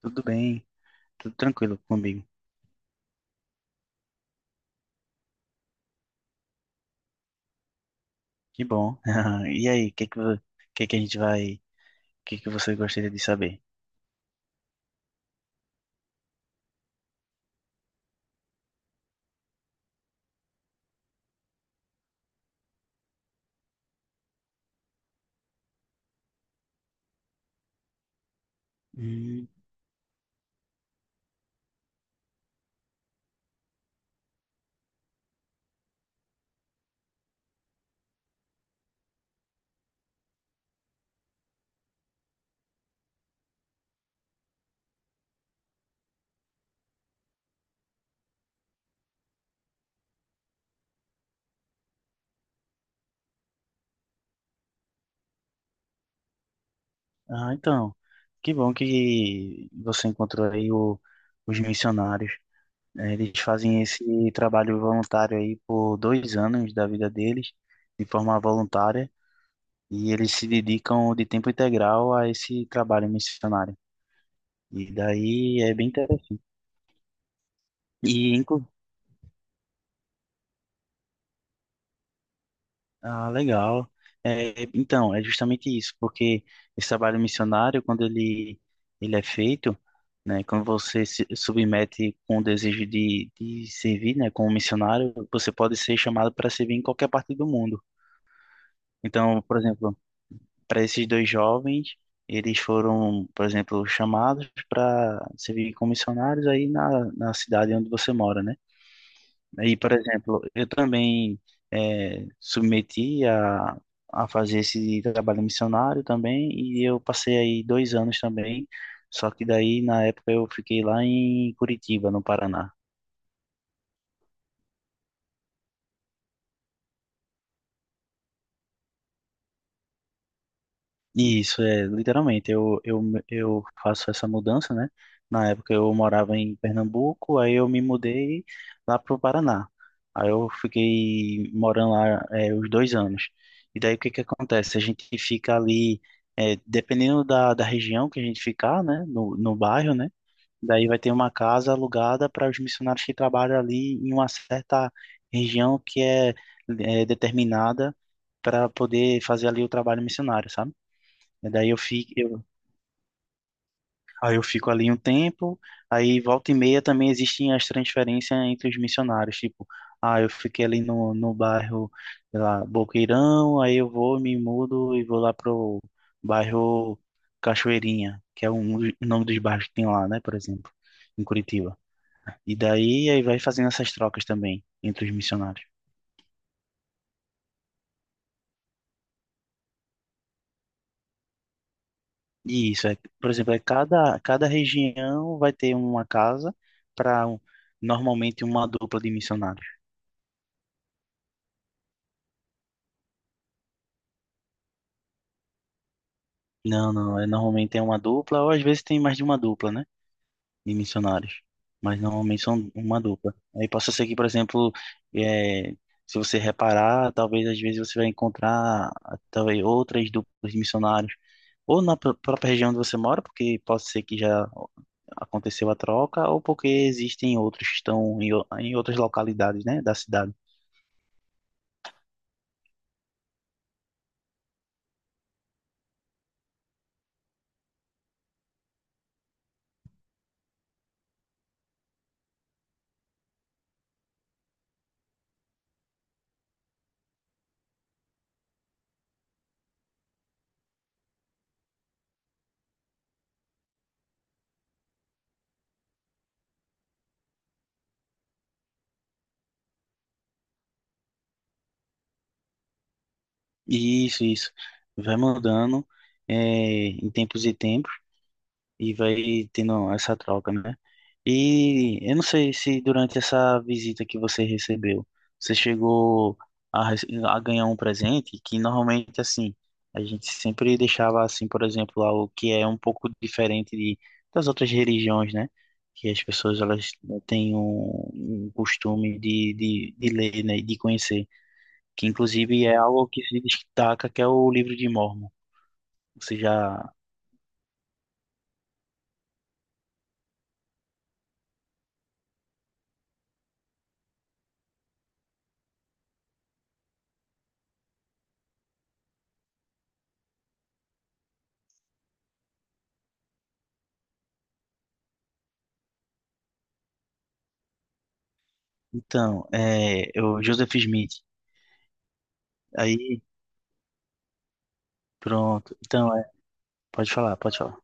Tudo bem, tudo tranquilo comigo. Que bom. E aí, o que que, que a gente vai, o que que você gostaria de saber? Hum, ah, então, que bom que você encontrou aí os missionários. Eles fazem esse trabalho voluntário aí por dois anos da vida deles, de forma voluntária, e eles se dedicam de tempo integral a esse trabalho missionário. E daí é bem interessante. E, ah, legal. É, então, é justamente isso, porque esse trabalho missionário, ele é feito, né, quando você se submete com o desejo de servir, né, como missionário, você pode ser chamado para servir em qualquer parte do mundo. Então, por exemplo, para esses dois jovens, eles foram, por exemplo, chamados para servir como missionários aí na cidade onde você mora, né? Aí, por exemplo, eu também submeti a fazer esse trabalho missionário também, e eu passei aí dois anos também, só que daí na época eu fiquei lá em Curitiba, no Paraná. Isso, é, literalmente, eu faço essa mudança, né? Na época eu morava em Pernambuco, aí eu me mudei lá pro Paraná. Aí eu fiquei morando lá, é, os dois anos. E daí o que que acontece? A gente fica ali, é, dependendo da região que a gente ficar, né? No bairro, né? Daí vai ter uma casa alugada para os missionários que trabalham ali em uma certa região que é, é determinada para poder fazer ali o trabalho missionário, sabe? E Daí eu fico, eu, Aí eu fico ali um tempo, aí volta e meia também existem as transferências entre os missionários, tipo, ah, eu fiquei ali no bairro, sei lá, Boqueirão, aí eu vou, me mudo e vou lá pro bairro Cachoeirinha, que é o nome dos bairros que tem lá, né, por exemplo, em Curitiba. E daí aí vai fazendo essas trocas também entre os missionários. E isso é, por exemplo, é cada região vai ter uma casa para normalmente uma dupla de missionários. Não, não. É, normalmente é uma dupla, ou às vezes tem mais de uma dupla, né? De missionários. Mas normalmente são uma dupla. Aí possa ser que, por exemplo, é, se você reparar, talvez às vezes você vai encontrar ah, talvez outras duplas de missionários. Ou na própria região onde você mora, porque pode ser que já aconteceu a troca, ou porque existem outros que estão em, em outras localidades, né, da cidade. Isso, isso. Vai mudando, é, em tempos e tempos. E vai tendo essa troca, né? E eu não sei se durante essa visita que você recebeu, você chegou a, a ganhar um presente que normalmente assim, a gente sempre deixava assim, por exemplo, algo que é um pouco diferente de, das outras religiões, né? Que as pessoas elas têm um costume de ler, né? E de conhecer, que inclusive é algo que se destaca, que é o livro de Mórmon. Você já então, é, é o Joseph Smith. Aí, pronto. Então, é, pode falar, pode falar.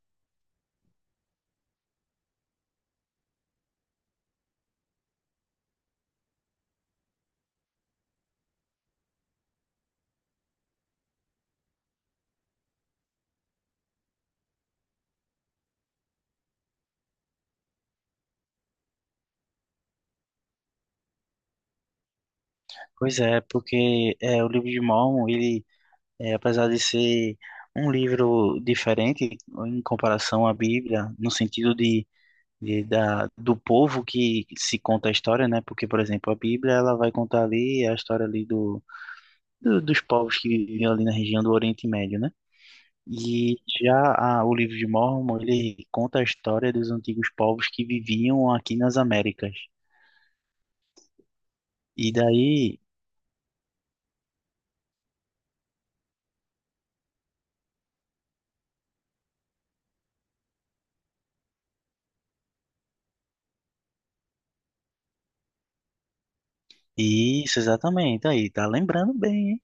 Pois é, porque é, o livro de Mormon, ele, é, apesar de ser um livro diferente em comparação à Bíblia, no sentido de, do povo que se conta a história, né? Porque, por exemplo, a Bíblia, ela vai contar ali a história ali do, dos povos que viviam ali na região do Oriente Médio, né? E já o livro de Mormon, ele conta a história dos antigos povos que viviam aqui nas Américas. E daí isso, exatamente. Aí, tá lembrando bem, hein?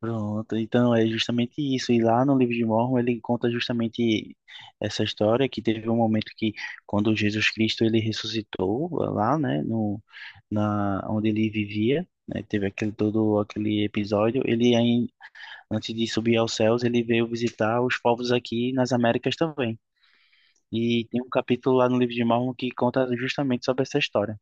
Pronto. Então, é justamente isso. E lá no livro de Mormon, ele conta justamente essa história que teve um momento que, quando Jesus Cristo ele ressuscitou lá, né, no na onde ele vivia, né, teve aquele todo aquele episódio, ele aí, antes de subir aos céus, ele veio visitar os povos aqui nas Américas também. E tem um capítulo lá no livro de Mormon que conta justamente sobre essa história.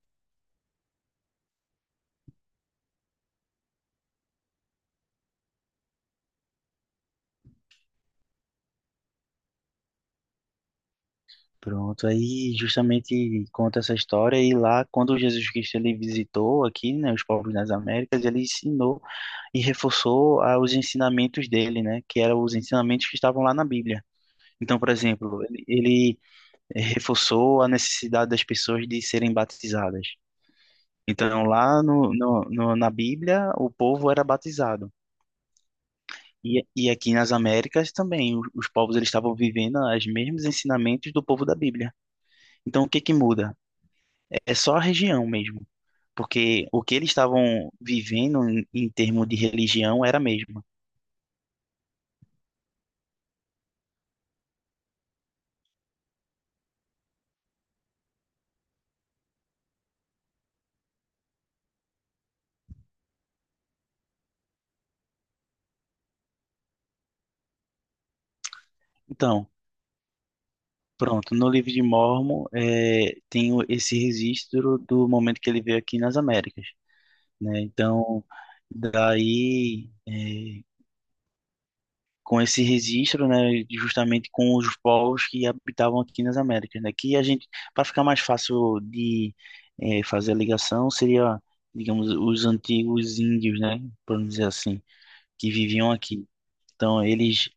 Pronto, aí justamente conta essa história e lá quando Jesus Cristo ele visitou aqui, né, os povos nas Américas, ele ensinou e reforçou ah, os ensinamentos dele, né, que eram os ensinamentos que estavam lá na Bíblia. Então, por exemplo, ele reforçou a necessidade das pessoas de serem batizadas. Então, lá na Bíblia, o povo era batizado. E aqui nas Américas também, os povos eles estavam vivendo os mesmos ensinamentos do povo da Bíblia. Então, o que que muda? É só a região mesmo, porque o que eles estavam vivendo em termos de religião era a mesma. Então, pronto, no livro de Mormon é, tem esse registro do momento que ele veio aqui nas Américas, né? Então, daí, é, com esse registro, né, justamente com os povos que habitavam aqui nas Américas, né? Que a gente, para ficar mais fácil de é, fazer a ligação, seria, digamos, os antigos índios, né? Podemos dizer assim, que viviam aqui. Então, eles,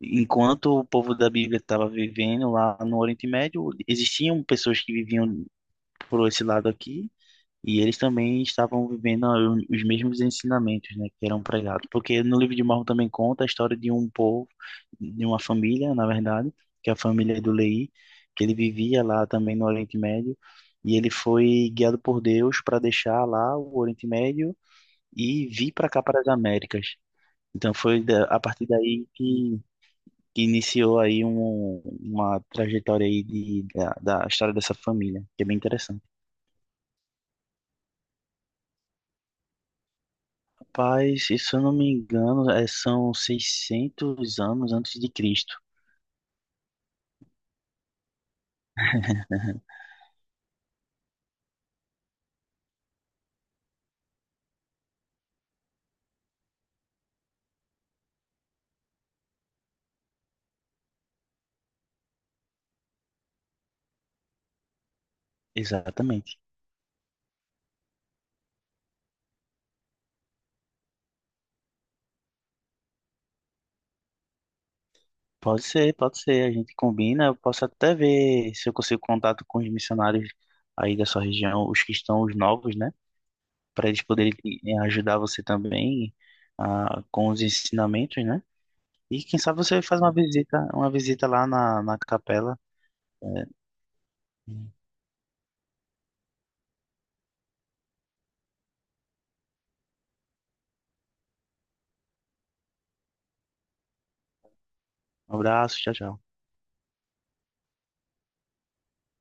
enquanto o povo da Bíblia estava vivendo lá no Oriente Médio, existiam pessoas que viviam por esse lado aqui, e eles também estavam vivendo os mesmos ensinamentos, né, que eram pregados. Porque no livro de Mormon também conta a história de um povo, de uma família, na verdade, que é a família do Leí, que ele vivia lá também no Oriente Médio, e ele foi guiado por Deus para deixar lá o Oriente Médio e vir para cá, para as Américas. Então foi a partir daí que iniciou aí um, uma trajetória aí de, da história dessa família, que é bem interessante. Rapaz, se eu não me engano, é, são 600 anos antes de Cristo. Exatamente. Pode ser, pode ser. A gente combina. Eu posso até ver se eu consigo contato com os missionários aí da sua região, os que estão os novos, né? Para eles poderem ajudar você também ah, com os ensinamentos, né? E quem sabe você faz uma visita lá na, na capela. Um abraço, tchau, tchau.